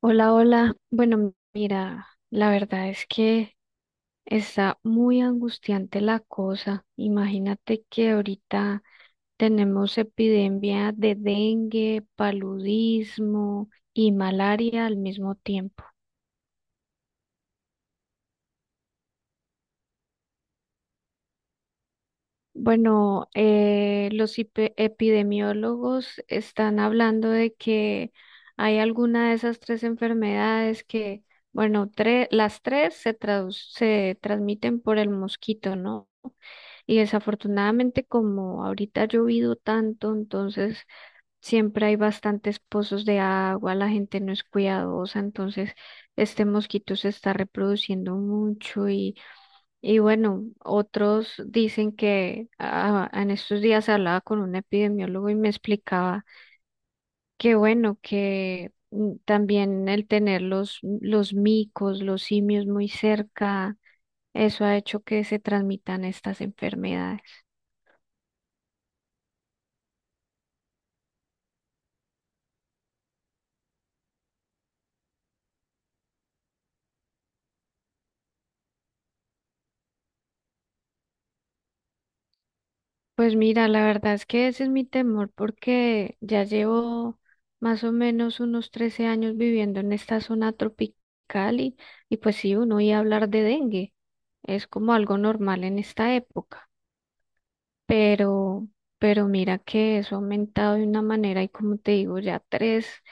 Hola, hola. Bueno, mira, la verdad es que está muy angustiante la cosa. Imagínate que ahorita tenemos epidemia de dengue, paludismo y malaria al mismo tiempo. Bueno, los epidemiólogos están hablando de que hay alguna de esas tres enfermedades que, bueno, las tres se transmiten por el mosquito, ¿no? Y desafortunadamente, como ahorita ha llovido tanto, entonces siempre hay bastantes pozos de agua, la gente no es cuidadosa, entonces este mosquito se está reproduciendo mucho y bueno, otros dicen que ah, en estos días hablaba con un epidemiólogo y me explicaba que bueno, que mm, también el tener los micos, los simios muy cerca, eso ha hecho que se transmitan estas enfermedades. Pues mira, la verdad es que ese es mi temor porque ya llevo más o menos unos 13 años viviendo en esta zona tropical y pues sí, uno oía hablar de dengue, es como algo normal en esta época, pero, pero mira que eso ha aumentado de una manera y como te digo,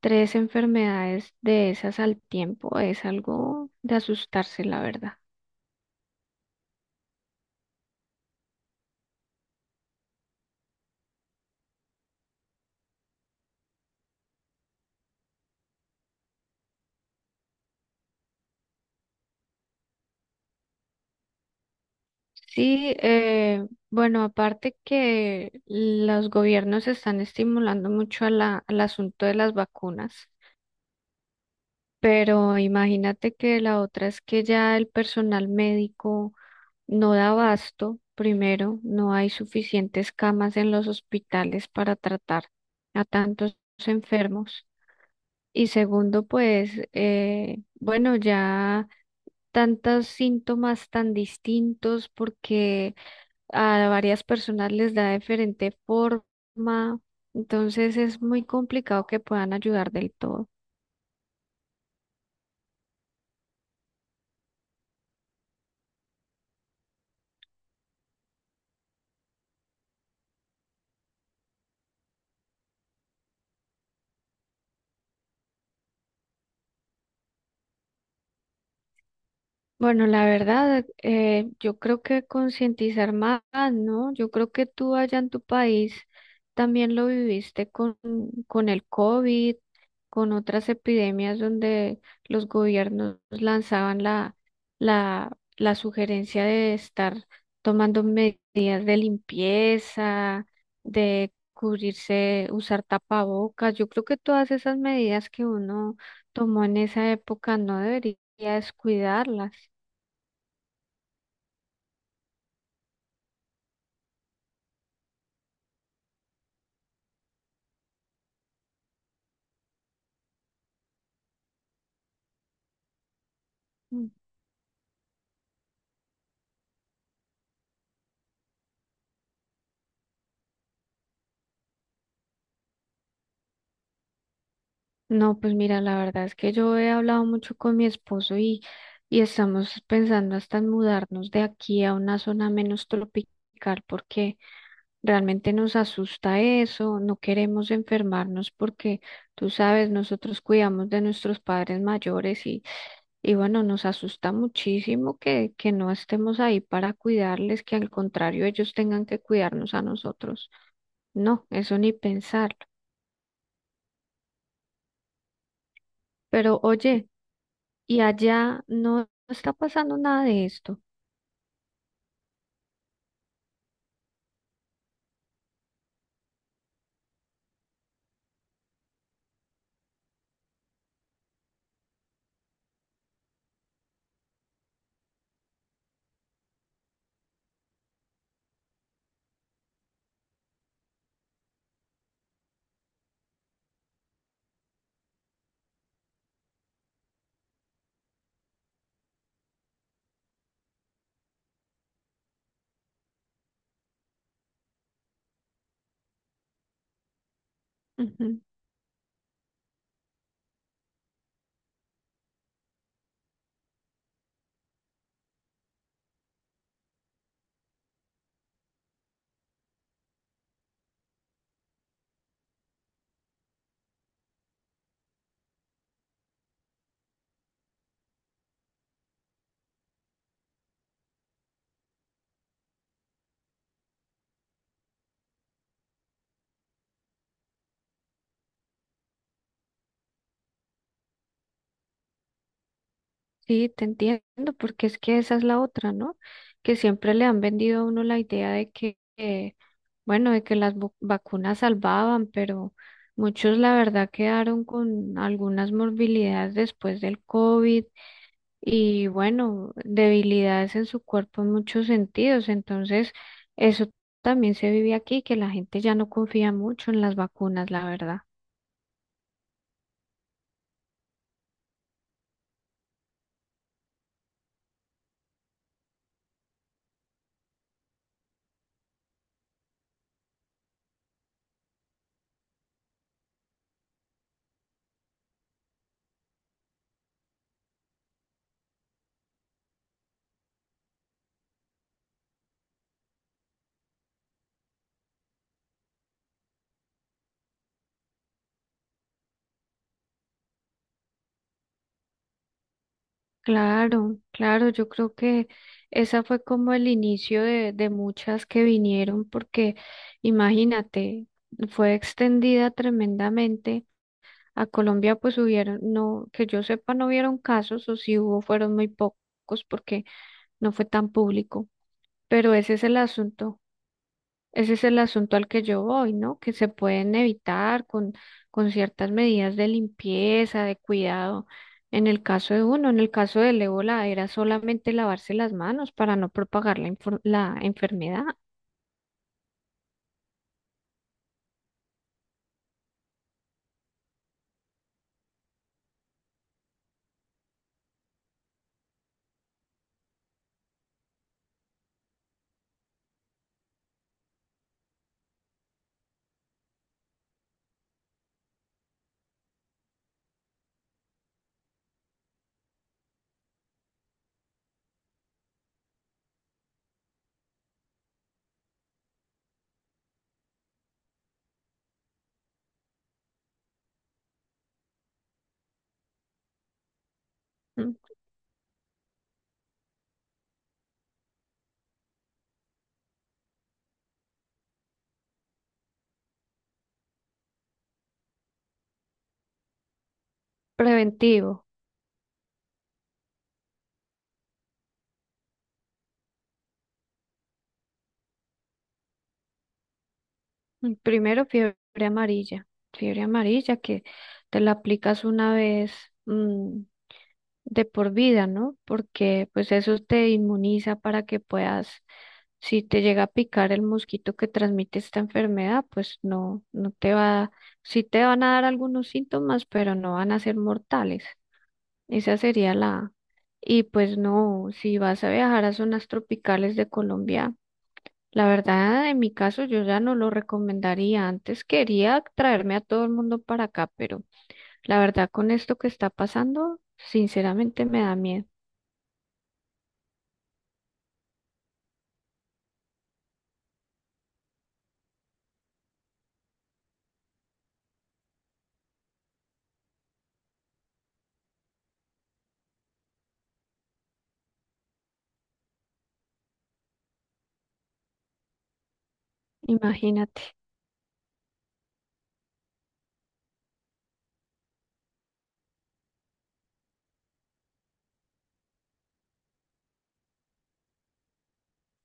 tres enfermedades de esas al tiempo es algo de asustarse, la verdad. Sí, bueno, aparte que los gobiernos están estimulando mucho a al asunto de las vacunas, pero imagínate que la otra es que ya el personal médico no da abasto, primero, no hay suficientes camas en los hospitales para tratar a tantos enfermos. Y segundo, pues, bueno, ya tantos síntomas tan distintos porque a varias personas les da diferente forma, entonces es muy complicado que puedan ayudar del todo. Bueno, la verdad, yo creo que concientizar más, ¿no? Yo creo que tú allá en tu país también lo viviste con el COVID, con otras epidemias donde los gobiernos lanzaban la sugerencia de estar tomando medidas de limpieza, de cubrirse, usar tapabocas. Yo creo que todas esas medidas que uno tomó en esa época no debería descuidarlas. Mm. No, pues mira, la verdad es que yo he hablado mucho con mi esposo y estamos pensando hasta en mudarnos de aquí a una zona menos tropical porque realmente nos asusta eso, no queremos enfermarnos porque tú sabes, nosotros cuidamos de nuestros padres mayores y bueno, nos asusta muchísimo que no estemos ahí para cuidarles, que al contrario ellos tengan que cuidarnos a nosotros. No, eso ni pensarlo. Pero oye, y allá no está pasando nada de esto. Ujú. Sí, te entiendo, porque es que esa es la otra, ¿no? Que siempre le han vendido a uno la idea de que, bueno, de que las vacunas salvaban, pero muchos la verdad quedaron con algunas morbilidades después del COVID y, bueno, debilidades en su cuerpo en muchos sentidos. Entonces, eso también se vive aquí, que la gente ya no confía mucho en las vacunas, la verdad. Claro, claro, yo creo que esa fue como el inicio de muchas que vinieron, porque imagínate, fue extendida tremendamente. A Colombia pues hubieron, no, que yo sepa, no hubieron casos, o si hubo, fueron muy pocos porque no fue tan público. Pero ese es el asunto. Ese es el asunto al que yo voy, ¿no? Que se pueden evitar con ciertas medidas de limpieza, de cuidado. En el caso de uno, en el caso del ébola, era solamente lavarse las manos para no propagar la enfermedad. Mm. Preventivo. Mm. Primero, fiebre amarilla. Fiebre amarilla que te la aplicas una vez, mm, de por vida, ¿no? Porque pues eso te inmuniza para que puedas. Si te llega a picar el mosquito que transmite esta enfermedad, pues no, no te va, sí te van a dar algunos síntomas, pero no van a ser mortales. Esa sería la... Y pues no, si vas a viajar a zonas tropicales de Colombia, la verdad, en mi caso yo ya no lo recomendaría. Antes quería traerme a todo el mundo para acá, pero la verdad con esto que está pasando, sinceramente me da miedo. Imagínate.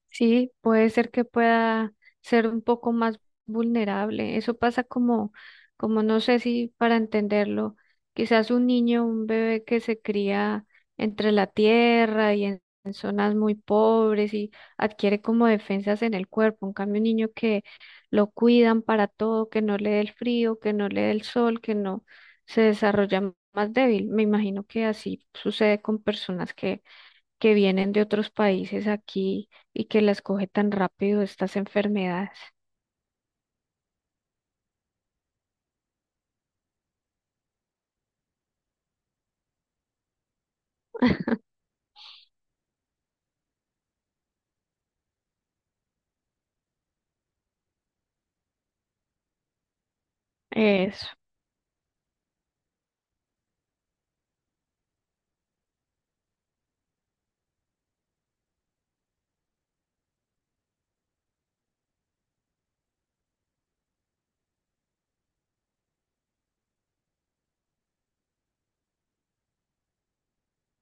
Sí, puede ser que pueda ser un poco más vulnerable. Eso pasa como, como no sé si para entenderlo, quizás un niño, un bebé que se cría entre la tierra y en zonas muy pobres y adquiere como defensas en el cuerpo. En cambio, un niño que lo cuidan para todo, que no le dé el frío, que no le dé el sol, que no se desarrolla más débil. Me imagino que así sucede con personas que vienen de otros países aquí y que las coge tan rápido estas enfermedades. Eso.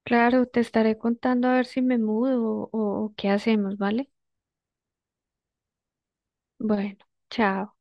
Claro, te estaré contando a ver si me mudo o qué hacemos, ¿vale? Bueno, chao.